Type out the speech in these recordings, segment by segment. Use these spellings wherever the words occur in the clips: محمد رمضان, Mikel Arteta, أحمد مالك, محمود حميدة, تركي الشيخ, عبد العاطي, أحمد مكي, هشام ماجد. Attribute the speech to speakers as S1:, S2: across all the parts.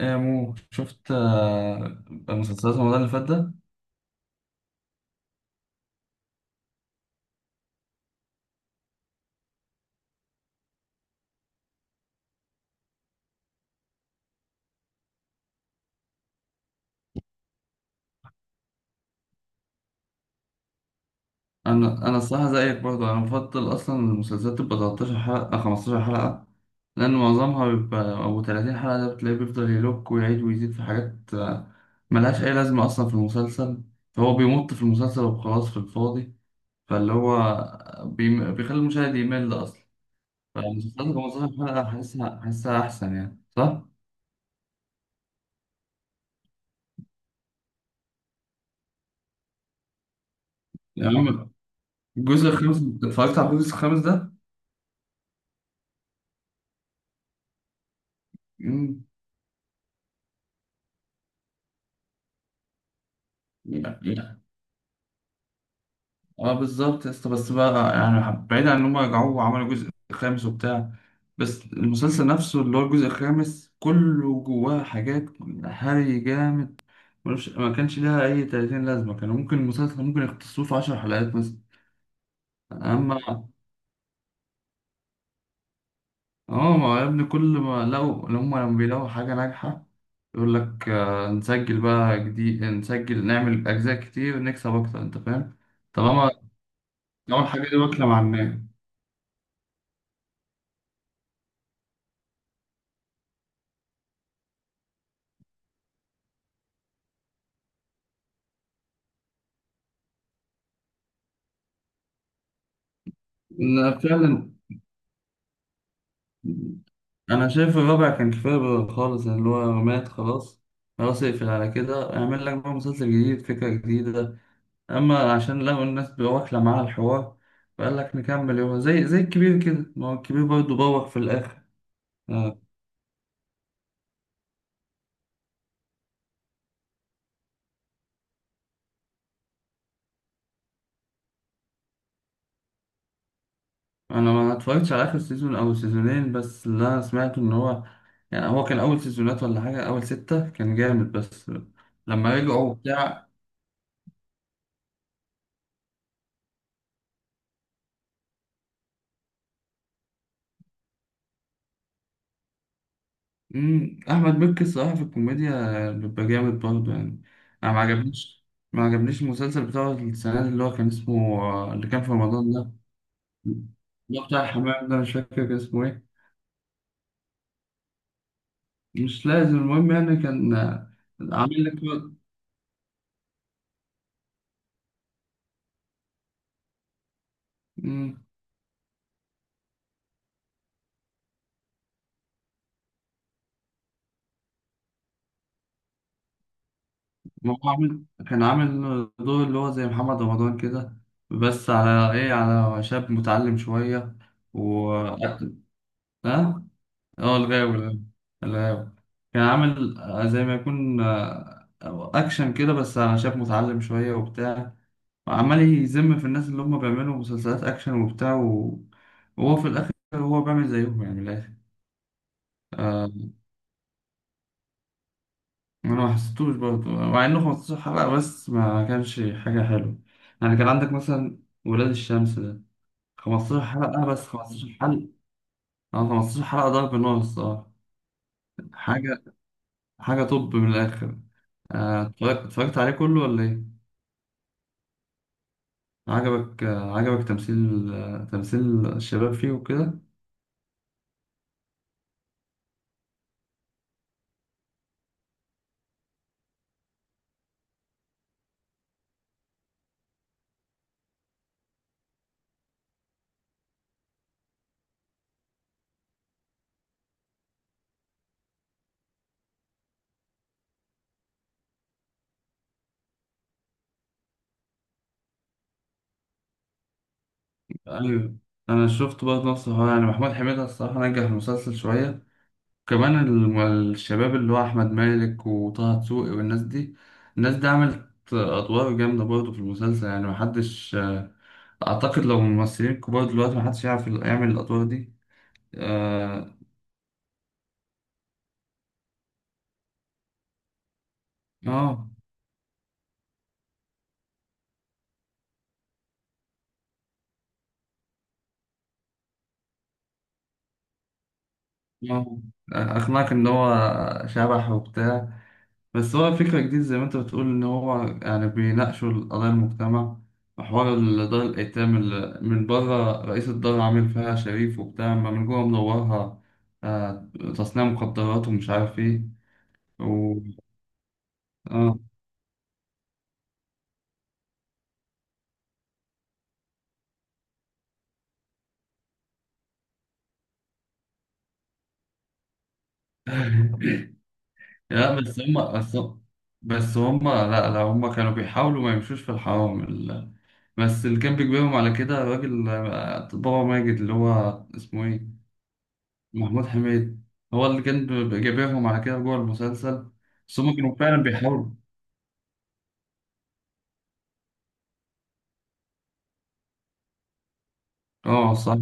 S1: إيه يا مو شفت، مسلسلات رمضان اللي فات ده. انا الصراحه زيك برضه، انا بفضل اصلا المسلسلات تبقى 13 حلقه، 15 حلقه، لان معظمها بيبقى او 30 حلقه، ده بتلاقيه بيفضل يلوك ويعيد ويزيد في حاجات ملهاش اي لازمه اصلا في المسلسل. فهو بيمط في المسلسل وخلاص في الفاضي. فاللي هو بيخلي المشاهد يمل اصلا. فالمسلسلات 15 حلقه، حاسسها احسن يعني، صح؟ يا عم الجزء الخامس، اتفرجت على الجزء الخامس ده؟ مم. اه بالظبط يا اسطى، بس بقى يعني بعيد عن ان هم رجعوه وعملوا جزء خامس وبتاع، بس المسلسل نفسه اللي هو الجزء الخامس كله جواه حاجات هري جامد، ملوش، ما كانش لها اي 30 لازمه، كان ممكن المسلسل ممكن يختصروه في 10 حلقات مثلا. اما اه، ما هو يا ابني كل ما لقوا اللي هم، لما بيلاقوا حاجه ناجحه يقول لك نسجل بقى جديد، نسجل نعمل اجزاء كتير نكسب اكتر، انت فاهم. طالما طالما الحاجه دي واكله مع الناس. لا، فعلا انا شايف الرابع كان كفايه بقى خالص، يعني اللي هو مات خلاص، خلاص اقفل على كده، اعمل لك بقى مسلسل جديد فكره جديده. اما عشان لقوا الناس بقى واكله معاها الحوار، فقال لك نكمل، يوم زي الكبير كده، ما هو الكبير برضه بوق في الاخر. انا ما اتفرجتش على اخر سيزون او سيزونين، بس اللي انا سمعته ان هو يعني هو كان اول سيزونات ولا حاجه، اول سته كان جامد، بس لما رجعوا بتاع. مم. أحمد مكي الصراحة في الكوميديا بيبقى جامد برضه يعني. أنا ما عجبنيش، ما عجبنيش المسلسل بتاع السنة دي اللي هو كان اسمه اللي كان في رمضان ده، اللي هو بتاع الحمام ده، مش فاكر كان اسمه إيه. مش لازم، المهم يعني كان عامل لك. مم. ما هو عامل، كان عامل دور اللي هو زي محمد رمضان كده، بس على إيه، على شاب متعلم شوية، و ها؟ اه الغاوي ده. الغاوي كان عامل زي ما يكون اكشن كده، بس على شاب متعلم شويه وبتاع، وعمال يذم في الناس اللي هم بيعملوا مسلسلات اكشن وبتاع وهو في الاخر هو بيعمل زيهم، يعني من الاخر. آه، انا ما حسيتوش برضه، مع انه 15 حلقه بس ما كانش حاجه حلوه. يعني كان عندك مثلا ولاد الشمس ده، 15 حلقه بس، 15 حلقه. اه 15 حلقه ضرب نار الصراحه. حاجه، حاجة طب من الآخر. اتفرجت عليه كله ولا إيه؟ عجبك، عجبك تمثيل، تمثيل الشباب فيه وكده؟ أيوة، أنا شفت برضه نفس الحوار، يعني محمود حميدة الصراحة نجح المسلسل شوية كمان. الشباب اللي هو أحمد مالك وطه دسوقي والناس دي، الناس دي عملت أدوار جامدة برضه في المسلسل، يعني محدش أعتقد لو ممثلين كبار دلوقتي، محدش يعرف يعمل الأدوار دي. آه، آه، آه. أقنعك إن هو شبح وبتاع، بس هو فكرة جديدة زي ما انت بتقول، ان هو يعني بيناقشوا القضايا المجتمع، وحوار دار الايتام، اللي من بره رئيس الدار عامل فيها شريف وبتاع، اما من جوه منورها آه، تصنيع مخدرات ومش عارف ايه و... اه. لا بس هم، بس لا، لا، هم كانوا بيحاولوا ما يمشوش في الحرام بس اللي كان بيجبرهم على كده الراجل بابا ماجد، اللي هو اسمه ايه، محمود حميد. هو اللي كان جايبهم على كده جوه المسلسل. بس هم كانوا فعلا بيحاولوا. اه صح،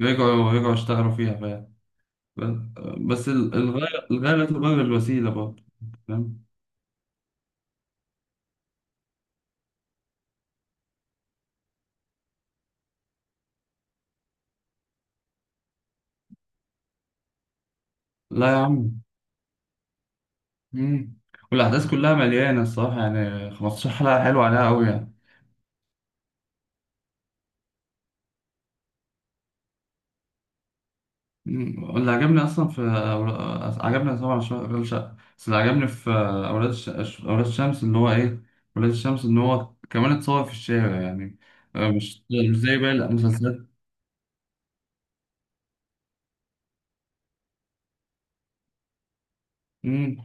S1: رجعوا اشتغلوا فيها فعلا. الغاية لا تبرر الوسيلة برضه. فاهم. لا يا عم. مم. والأحداث كلها مليانة الصراحة، يعني 15 حلقة حلوة عليها أوي يعني. مم. اللي عجبني اصلا في عجبني طبعا أولاد شقة، بس اللي عجبني في اولاد الشمس ان هو ايه، اولاد الشمس ان هو كمان اتصور في الشارع يعني، مش زي باقي المسلسلات. مم.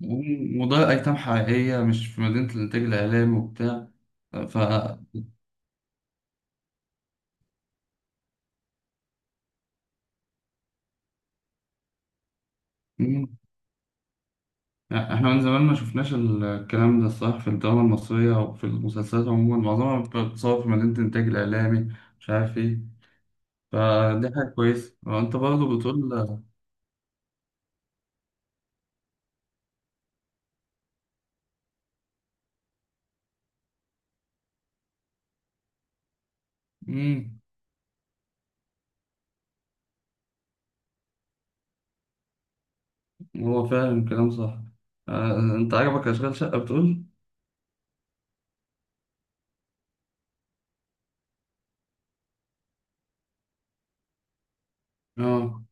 S1: مم. وده ايتام حقيقية، مش في مدينة الانتاج الاعلامي وبتاع. آه، ف مم. احنا من زمان ما شفناش الكلام ده الصراحة في الدراما المصرية، وفي المسلسلات عموما معظمها بتتصور في مدينة الانتاج الاعلامي، مش عارف ايه. فدي حاجة كويسة، وأنت برضه بتقول. امم، هو فعلا كلام صح. انت عجبك اشغال شقة بتقول. اه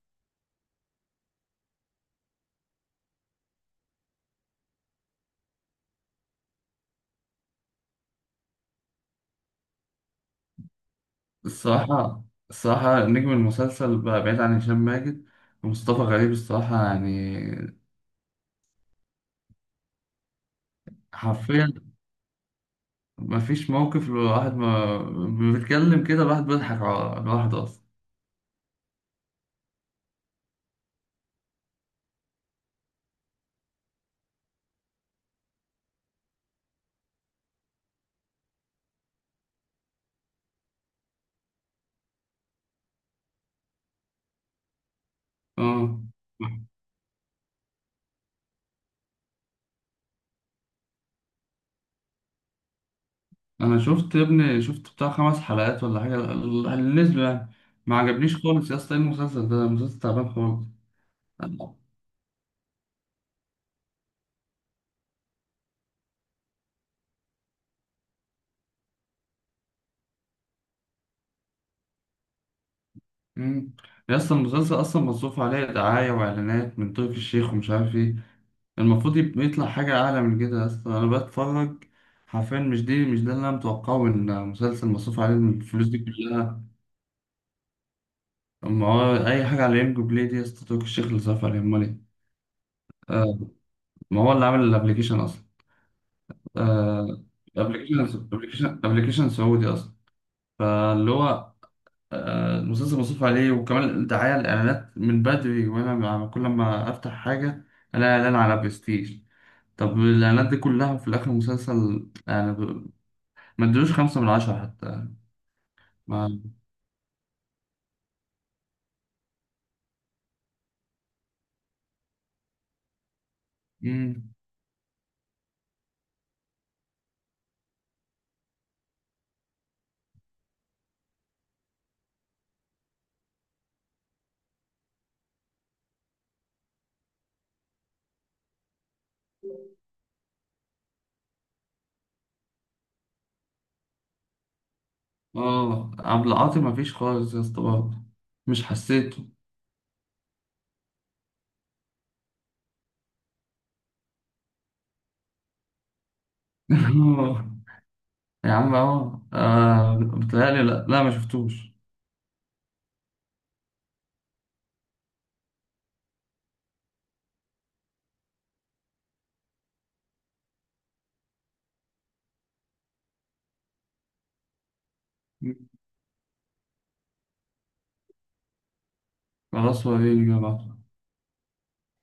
S1: الصراحة، الصراحة نجم المسلسل بقى، بعيد عن هشام ماجد، ومصطفى غريب الصراحة يعني. حرفيا مفيش موقف، الواحد ما بيتكلم كده الواحد بيضحك على الواحد أصلا. اه أنا شفت يا ابني، شفت بتاع خمس حلقات ولا حاجة اللي نزلوا يعني. ما عجبنيش خالص يا اسطى، إيه المسلسل ده، المسلسل تعبان خالص. مم. يا اصلا المسلسل اصلا مصروف عليه دعاية واعلانات من تركي الشيخ ومش عارف ايه، المفروض يطلع حاجة اعلى من كده اصلا. انا بتفرج حرفيا، مش دي، مش ده اللي انا متوقعه من مسلسل مصروف عليه الفلوس دي كلها. ما هو اي حاجة على ام بلاي دي يا اسطى تركي الشيخ اللي صرف عليها، امال ايه. آه، ما هو اللي عامل الابلكيشن اصلا. آه، ابلكيشن سعودي اصلا. فاللي هو المسلسل مصروف عليه، وكمان الدعاية الإعلانات من بدري، وأنا كل ما أفتح حاجة ألاقي إعلان على برستيج. طب الإعلانات دي كلها وفي الآخر مسلسل يعني ما ادلوش 5 من 10 حتى. ما مم. آه عبد العاطي ما فيش خالص يا اسطى برضه، مش حسيته. آه، يا عم آه آه، بتهيألي لأ، لا ما شفتوش. خلاص وريني بقى.